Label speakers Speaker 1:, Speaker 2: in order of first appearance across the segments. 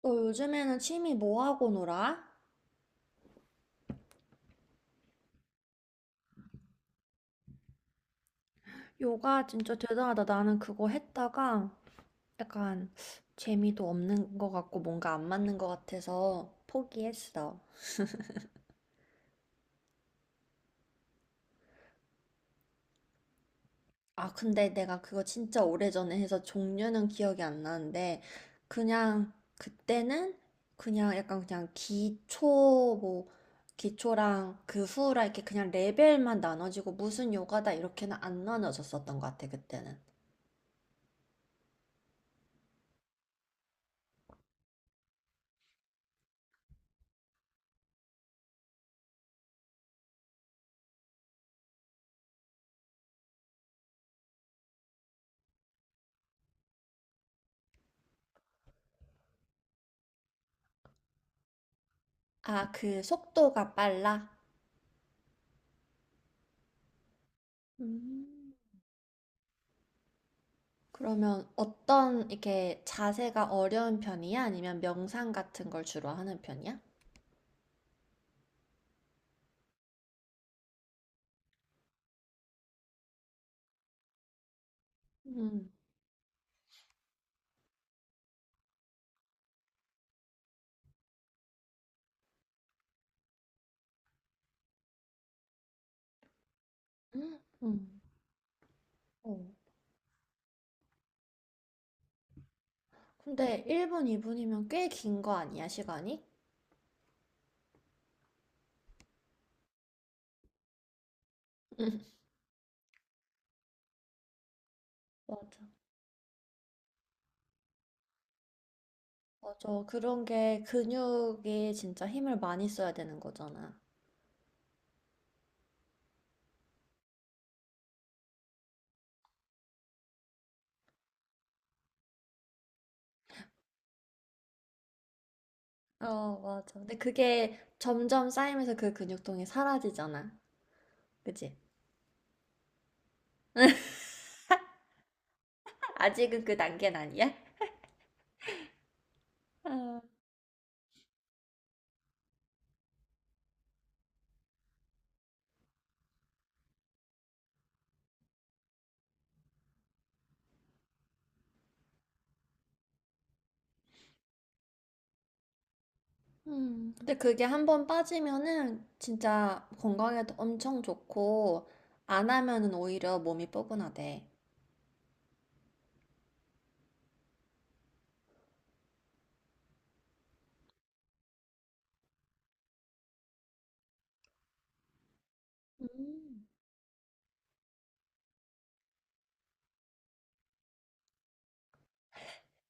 Speaker 1: 너 요즘에는 취미 뭐 하고 놀아? 요가 진짜 대단하다. 나는 그거 했다가 약간 재미도 없는 것 같고 뭔가 안 맞는 것 같아서 포기했어. 아, 근데 내가 그거 진짜 오래전에 해서 종류는 기억이 안 나는데 그냥 그때는 그냥 약간 그냥 기초 뭐 기초랑 그 후라 이렇게 그냥 레벨만 나눠지고 무슨 요가다 이렇게는 안 나눠졌었던 것 같아, 그때는. 아, 그 속도가 빨라? 음. 그러면 어떤 이렇게 자세가 어려운 편이야? 아니면 명상 같은 걸 주로 하는 편이야? 음. 음. 음. 어. 근데 1분, 2분이면 꽤 긴 거 아니야, 시간이? 맞아. 맞아. 그런 게 근육이 진짜 힘을 많이 써야 되는 거잖아. 어, 맞아. 근데 그게 점점 쌓이면서 그 근육통이 사라지잖아. 그치? 아직은 그 단계는 아니야? 어, 근데 그게 한 번 빠지면은 진짜 건강에도 엄청 좋고, 안 하면은 오히려 몸이 뻐근하대. 음.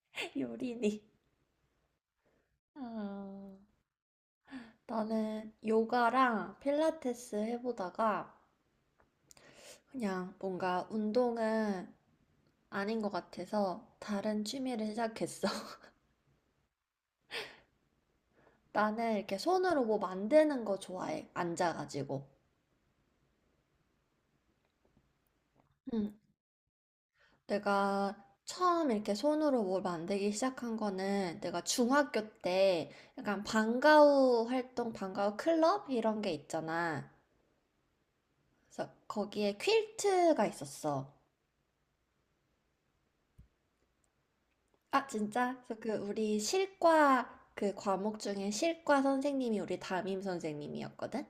Speaker 1: 요리니. 아, 나는 요가랑 필라테스 해보다가 그냥 뭔가 운동은 아닌 것 같아서 다른 취미를 시작했어. 나는 이렇게 손으로 뭐 만드는 거 좋아해. 앉아가지고. 내가 처음 이렇게 손으로 뭘 만들기 시작한 거는 내가 중학교 때 약간 방과후 활동, 방과후 클럽 이런 게 있잖아. 그래서 거기에 퀼트가 있었어. 아, 진짜? 그래서 그 우리 실과 그 과목 중에 실과 선생님이 우리 담임 선생님이었거든?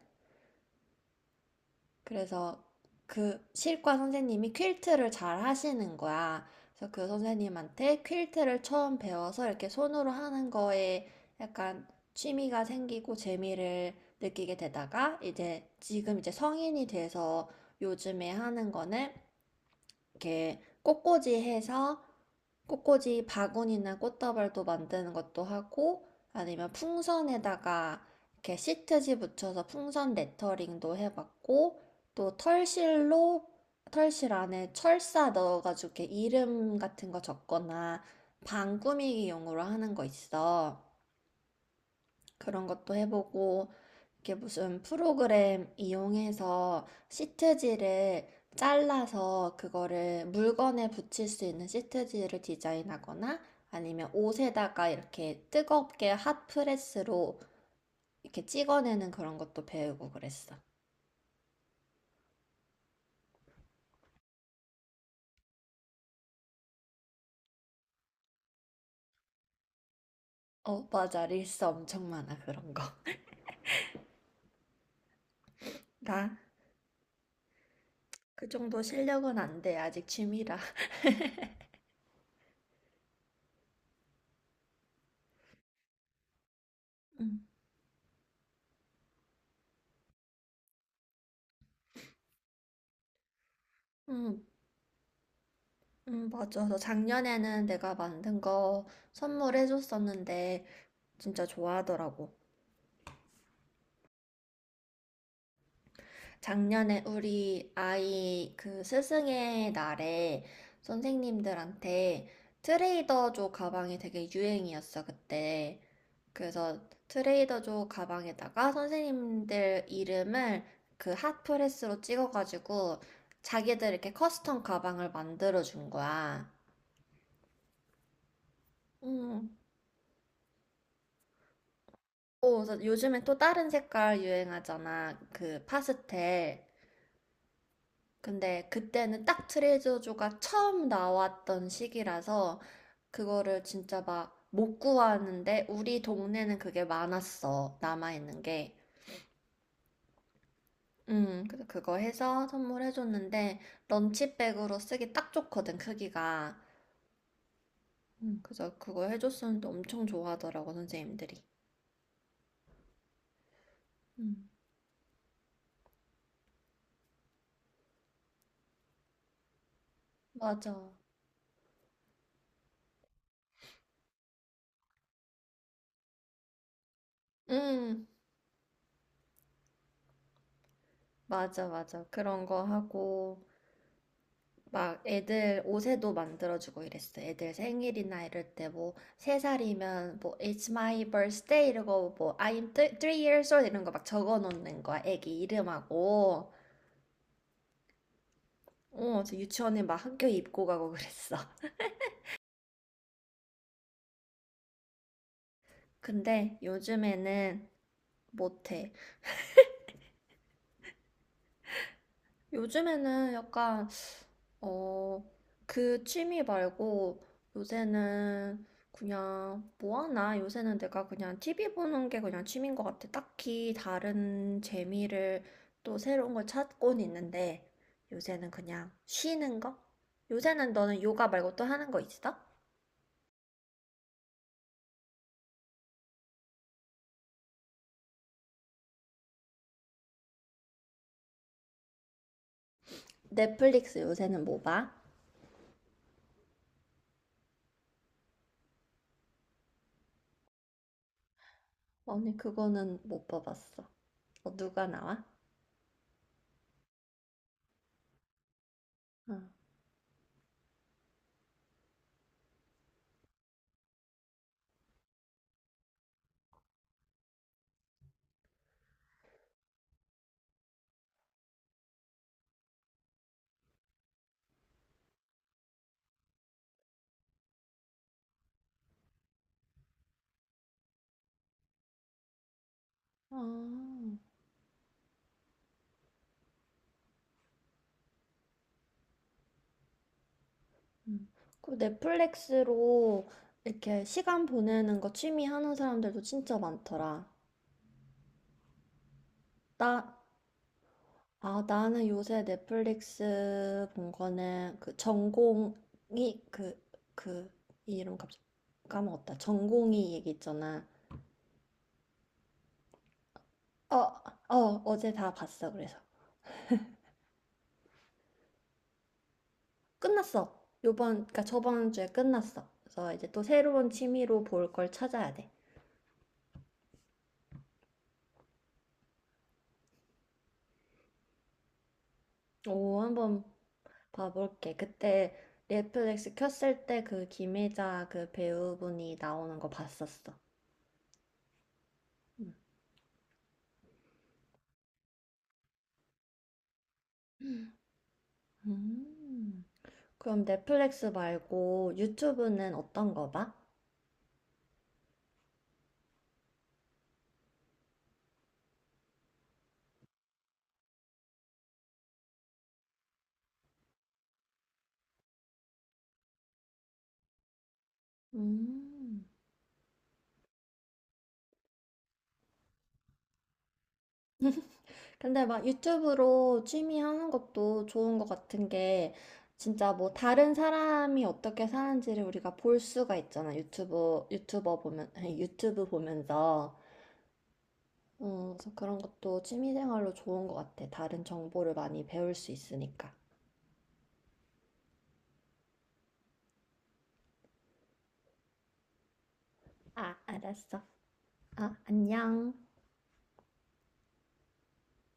Speaker 1: 그래서 그 실과 선생님이 퀼트를 잘 하시는 거야. 그래서 그 선생님한테 퀼트를 처음 배워서 이렇게 손으로 하는 거에 약간 취미가 생기고 재미를 느끼게 되다가 이제 지금 이제 성인이 돼서 요즘에 하는 거는 이렇게 꽃꽂이 해서 꽃꽂이 바구니나 꽃다발도 만드는 것도 하고, 아니면 풍선에다가 이렇게 시트지 붙여서 풍선 레터링도 해봤고, 또 털실로 털실 안에 철사 넣어가지고 이렇게 이름 같은 거 적거나 방 꾸미기용으로 하는 거 있어. 그런 것도 해보고, 이렇게 무슨 프로그램 이용해서 시트지를 잘라서 그거를 물건에 붙일 수 있는 시트지를 디자인하거나 아니면 옷에다가 이렇게 뜨겁게 핫프레스로 이렇게 찍어내는 그런 것도 배우고 그랬어. 어, 맞아. 릴스 엄청 많아, 그런 거. 나 그 정도 실력은 안 돼. 아직 취미라. 응, 응, 응, 맞아. 너 작년에는 내가 만든 거 선물해줬었는데, 진짜 좋아하더라고. 작년에 우리 아이 그 스승의 날에 선생님들한테 트레이더조 가방이 되게 유행이었어, 그때. 그래서 트레이더조 가방에다가 선생님들 이름을 그 핫프레스로 찍어가지고 자기들 이렇게 커스텀 가방을 만들어준 거야. 음. 오, 그래서 요즘에 또 다른 색깔 유행하잖아. 그 파스텔. 근데 그때는 딱 트레저조가 처음 나왔던 시기라서 그거를 진짜 막 못 구하는데 우리 동네는 그게 많았어. 남아있는 게. 그래서 그거 해서 선물해줬는데 런치백으로 쓰기 딱 좋거든, 크기가. 그래서 그거 해줬었는데 엄청 좋아하더라고, 선생님들이. 음, 맞아. 음, 맞아, 맞아. 그런 거 하고. 막 애들 옷에도 만들어주고 이랬어. 애들 생일이나 이럴 때 뭐 세 살이면 뭐 It's my birthday 이러고 뭐 I'm three years old 이런 거 막 적어 놓는 거야. 애기 이름하고. 어, 저 유치원에 막 학교 입고 가고 그랬어. 근데 요즘에는 못해. 요즘에는 약간 어, 그 취미 말고 요새는 그냥 뭐 하나? 요새는 내가 그냥 TV 보는 게 그냥 취미인 것 같아. 딱히 다른 재미를 또 새로운 걸 찾곤 있는데, 요새는 그냥 쉬는 거? 요새는 너는 요가 말고 또 하는 거 있어? 넷플릭스 요새는 뭐 봐? 아니, 그거는 못 봐봤어. 어, 누가 나와? 응. 아. 음. 그 넷플릭스로 이렇게 시간 보내는 거 취미 하는 사람들도 진짜 많더라. 나, 나는 요새 넷플릭스 본 거는 그 전공이 그, 이 이름 갑자기 까먹었다. 전공이 얘기 있잖아. 어, 어, 어제 다 봤어. 그래서 끝났어. 요번, 그니까 저번 주에 끝났어. 그래서 이제 또 새로운 취미로 볼 걸 찾아야 돼. 오, 한번 봐볼게. 그때 넷플릭스 켰을 때 그 김혜자 그 배우분이 나오는 거 봤었어. 음. 음. 그럼 넷플릭스 말고 유튜브는 어떤 거 봐? 음. 근데 막 유튜브로 취미 하는 것도 좋은 것 같은 게 진짜 뭐 다른 사람이 어떻게 사는지를 우리가 볼 수가 있잖아. 유튜브 유튜버 보면 유튜브 보면서 그래서 그런 것도 취미생활로 좋은 것 같아. 다른 정보를 많이 배울 수 있으니까. 아, 알았어. 아, 안녕.